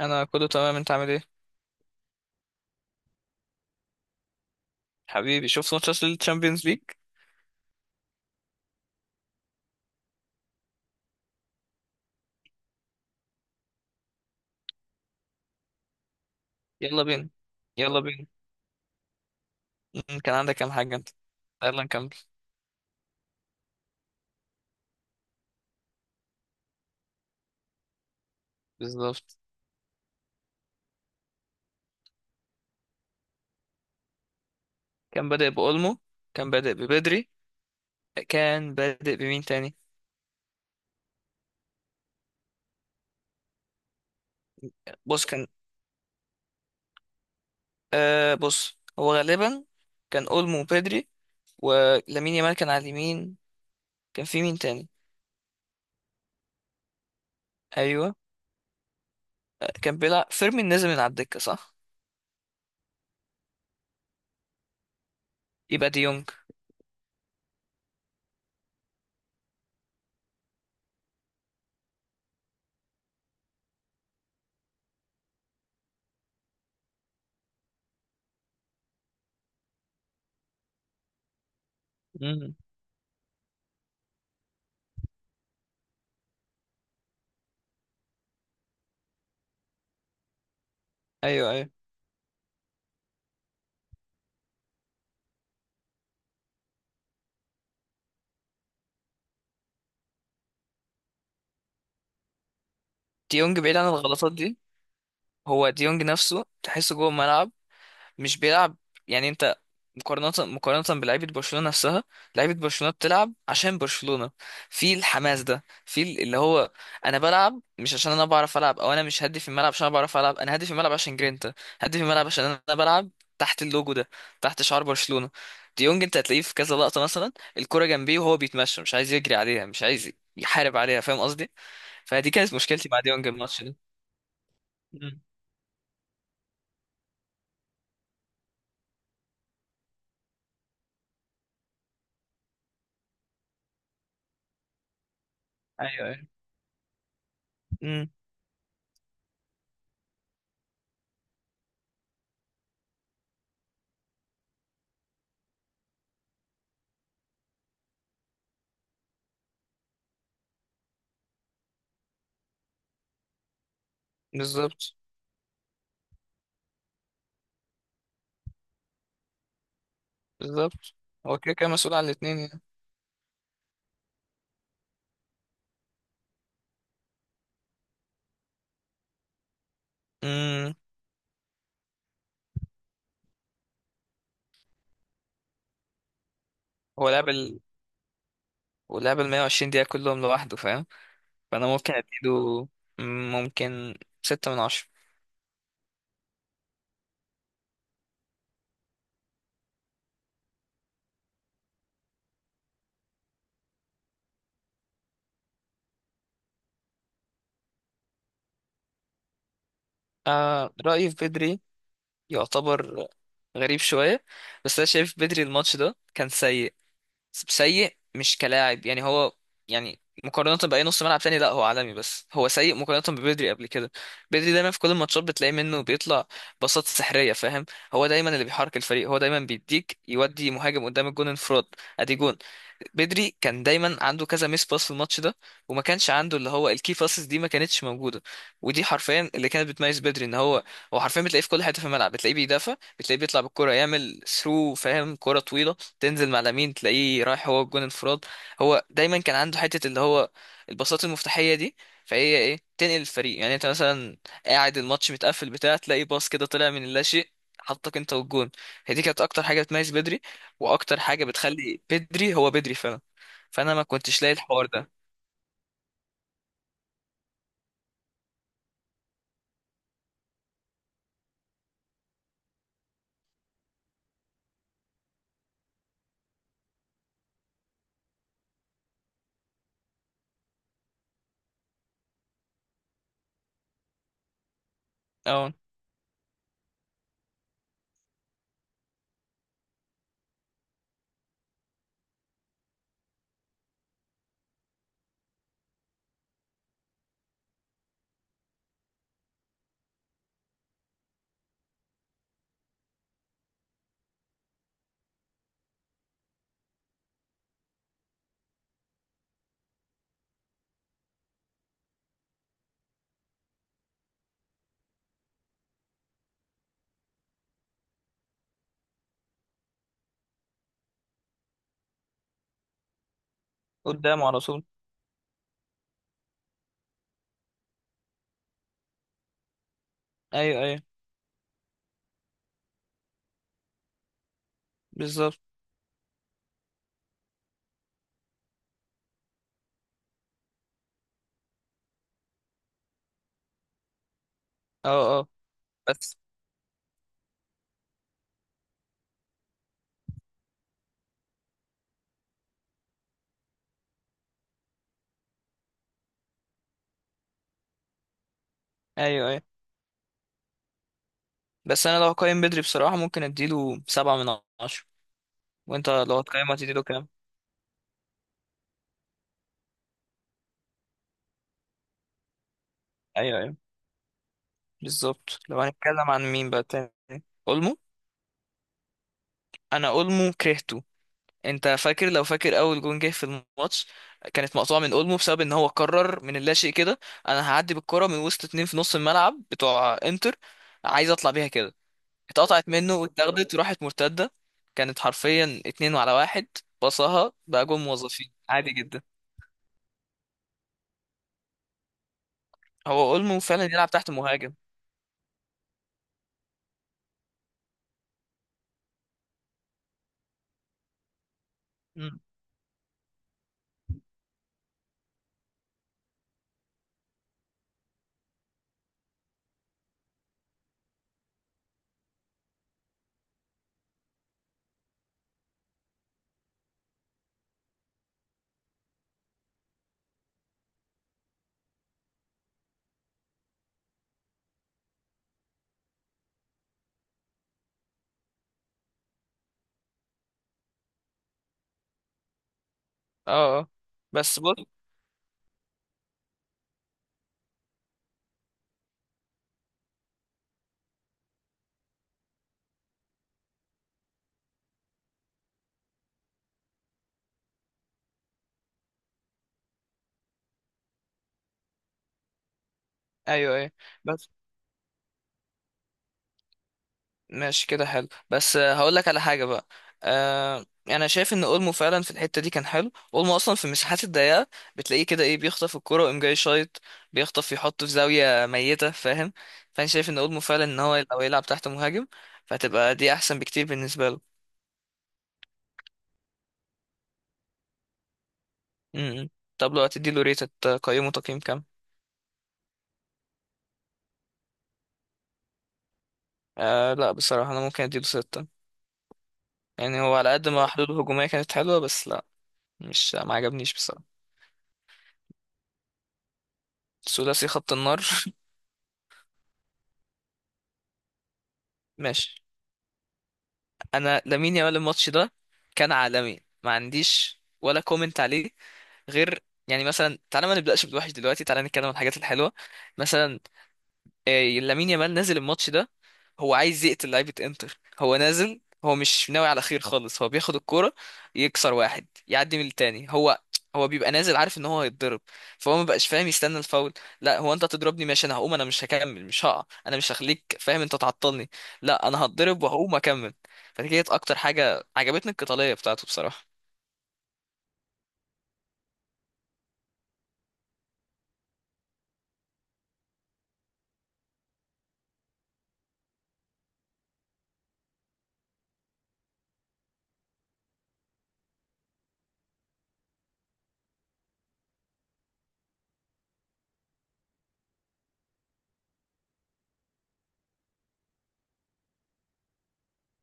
انا كله تمام، انت عامل ايه؟ حبيبي، شفت ماتشات الشامبيونز ليج. يلا بينا. يلا بينا. مم، كان عندك كام حاجه انت؟ يلا نكمل. بالظبط. كان بادئ بأولمو. كان بادئ ببدري. كان بادئ بمين تاني؟ بص كان، آه بص هو غالبا كان أولمو وبدري، ولامين يامال كان على اليمين. كان في مين تاني؟ ايوه. آه، كان بيلعب فيرمين، نزل من على الدكه صح. يبقى ديونج. مم. ايوه ايوه. ديونج بعيد عن الغلطات دي. هو ديونج نفسه تحسه جوه الملعب، مش بيلعب. يعني انت، مقارنة بلعيبة برشلونة نفسها، لعيبة برشلونة بتلعب عشان برشلونة. في الحماس ده، في اللي هو انا بلعب مش عشان انا بعرف العب. او انا مش هدي في الملعب عشان انا بعرف العب، انا هدي في الملعب عشان جرينتا. هدي في الملعب عشان انا بلعب تحت اللوجو ده، تحت شعار برشلونة. ديونج انت هتلاقيه في كذا لقطة، مثلا الكرة جنبيه وهو بيتمشى، مش عايز يجري عليها، مش عايز يحارب عليها، فاهم قصدي؟ فدي كانت مشكلتي مع ديونج الماتش ده. مم. ايوه ايوه. مم. بالظبط. بالظبط، هو كده كده مسؤول عن الاتنين يعني. امم. هو لعب. ولعب ال 120 دقيقة كلهم لوحده، فاهم؟ فأنا ممكن أديله، مم، ممكن 6/10. آه رأيي في بدري يعتبر غريب شوية، بس أنا شايف بدري الماتش ده كان سيء. سيء مش كلاعب يعني، هو يعني مقارنة بأي نص ملعب تاني لا هو عالمي، بس هو سيء مقارنة ببدري قبل كده. بدري دايما في كل الماتشات بتلاقي منه بيطلع باصات سحرية، فاهم؟ هو دايما اللي بيحرك الفريق، هو دايما بيديك، يودي مهاجم قدام الجون انفراد، ادي جون. بدري كان دايما عنده كذا ميس باس في الماتش ده، وما كانش عنده اللي هو الكي باسز دي، ما كانتش موجودة. ودي حرفيا اللي كانت بتميز بدري، ان هو هو حرفيا بتلاقيه في كل حتة في الملعب، بتلاقيه بيدافع، بتلاقيه بيطلع بالكرة يعمل ثرو، فاهم؟ كرة طويلة تنزل مع لامين، تلاقيه رايح هو الجون انفراد. هو دايما كان عنده حته اللي هو الباصات المفتاحيه دي، فهي ايه، تنقل الفريق. يعني انت مثلا قاعد الماتش متقفل بتاع، تلاقي باص كده طلع من اللا شيء، حطك انت والجون. هي دي كانت اكتر حاجه بتميز بدري، واكتر حاجه بتخلي بدري هو بدري فعلا. فانا ما كنتش لاقي الحوار ده. اه، قدامه على طول. ايوه ايوه. بالظبط. اه اه. بس. ايوه ايوه. بس انا لو هقيم بدري بصراحه، ممكن اديله 7/10. وانت لو هتقيمه هتديله كام؟ ايوه أيوه. بالظبط. لو هنتكلم عن مين بقى تاني، اولمو. انا اولمو كرهته. انت فاكر لو فاكر اول جون جه في الماتش، كانت مقطوعه من اولمو، بسبب ان هو قرر من اللاشيء كده انا هعدي بالكره من وسط اتنين في نص الملعب بتوع انتر، عايز اطلع بيها كده. اتقطعت منه واتاخدت وراحت مرتده، كانت حرفيا 2-1، بصها بقى جون موظفين عادي جدا. هو اولمو فعلا يلعب تحت مهاجم. مم. اه اه. بس بص. ايوه ايوه. بس ماشي كده حلو، بس آه، هقول لك على حاجة بقى. آه انا شايف ان اولمو فعلا في الحتة دي كان حلو. اولمو اصلا في المساحات الضيقة بتلاقيه كده، ايه، بيخطف الكرة ويقوم جاي شايط، بيخطف يحطه في زاوية ميتة، فاهم؟ فانا شايف ان اولمو فعلا، ان هو لو يلعب تحت مهاجم، فهتبقى دي احسن بكتير بالنسبة له. م-م. طب لو هتدي له ريت، تقيمه تقييم كام؟ آه لا بصراحة، انا ممكن اديله ستة. يعني هو على قد ما حلوله الهجومية كانت حلوة، بس لا، مش، ما عجبنيش بصراحة. ثلاثي خط النار. ماشي. انا لامين يامال الماتش ده كان عالمي، ما عنديش ولا كومنت عليه، غير يعني مثلا، تعالى ما نبداش بالوحش دلوقتي، تعالى نتكلم عن الحاجات الحلوه. مثلا آه، لامين يامال نزل الماتش ده هو عايز يقتل لعيبة انتر، هو نازل هو مش ناوي على خير خالص. هو بياخد الكرة، يكسر واحد، يعدي من التاني. هو بيبقى نازل عارف ان هو هيتضرب، فهو ما بقاش فاهم يستنى الفاول. لا، هو انت هتضربني ماشي، انا هقوم، انا مش هكمل، مش هقع، انا مش هخليك فاهم انت تعطلني. لا انا هتضرب وهقوم اكمل. فدي كانت اكتر حاجة عجبتني، القتالية بتاعته بصراحة.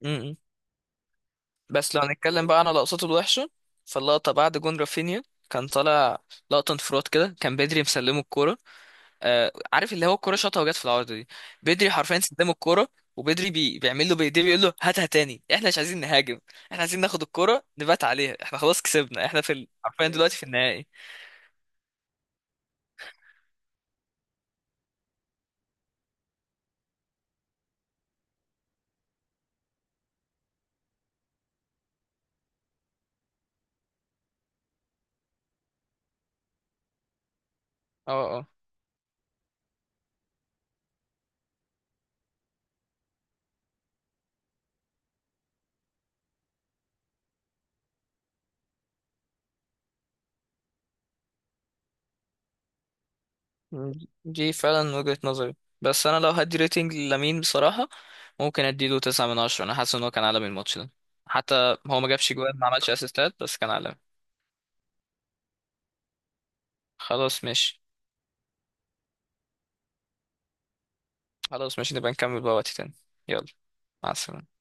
م-م. بس لو هنتكلم بقى عن لقطاته الوحشة، فاللقطة بعد جون رافينيا كان طالع لقطة انفراد كده، كان بدري مسلمه الكورة، آه، عارف اللي هو الكرة شاطها وجت في العارضة دي. بدري حرفيا استلم الكرة، وبدري بيعمل له بايديه، بيقول له هاتها تاني، احنا مش عايزين نهاجم، احنا عايزين ناخد الكرة نبات عليها، احنا خلاص كسبنا، احنا في حرفيا دلوقتي في النهائي. اه اه. دي فعلا وجهة نظري. بس انا لو هدي ريتنج لامين بصراحة، ممكن اديله 9/10. انا حاسس ان هو كان عالمي الماتش ده، حتى هو ما جابش جوان، ما عملش اسيستات، بس كان عالمي. خلاص ماشي. خلاص ماشي، نبقى نكمل بقى وقت تاني. يلا. مع السلامة.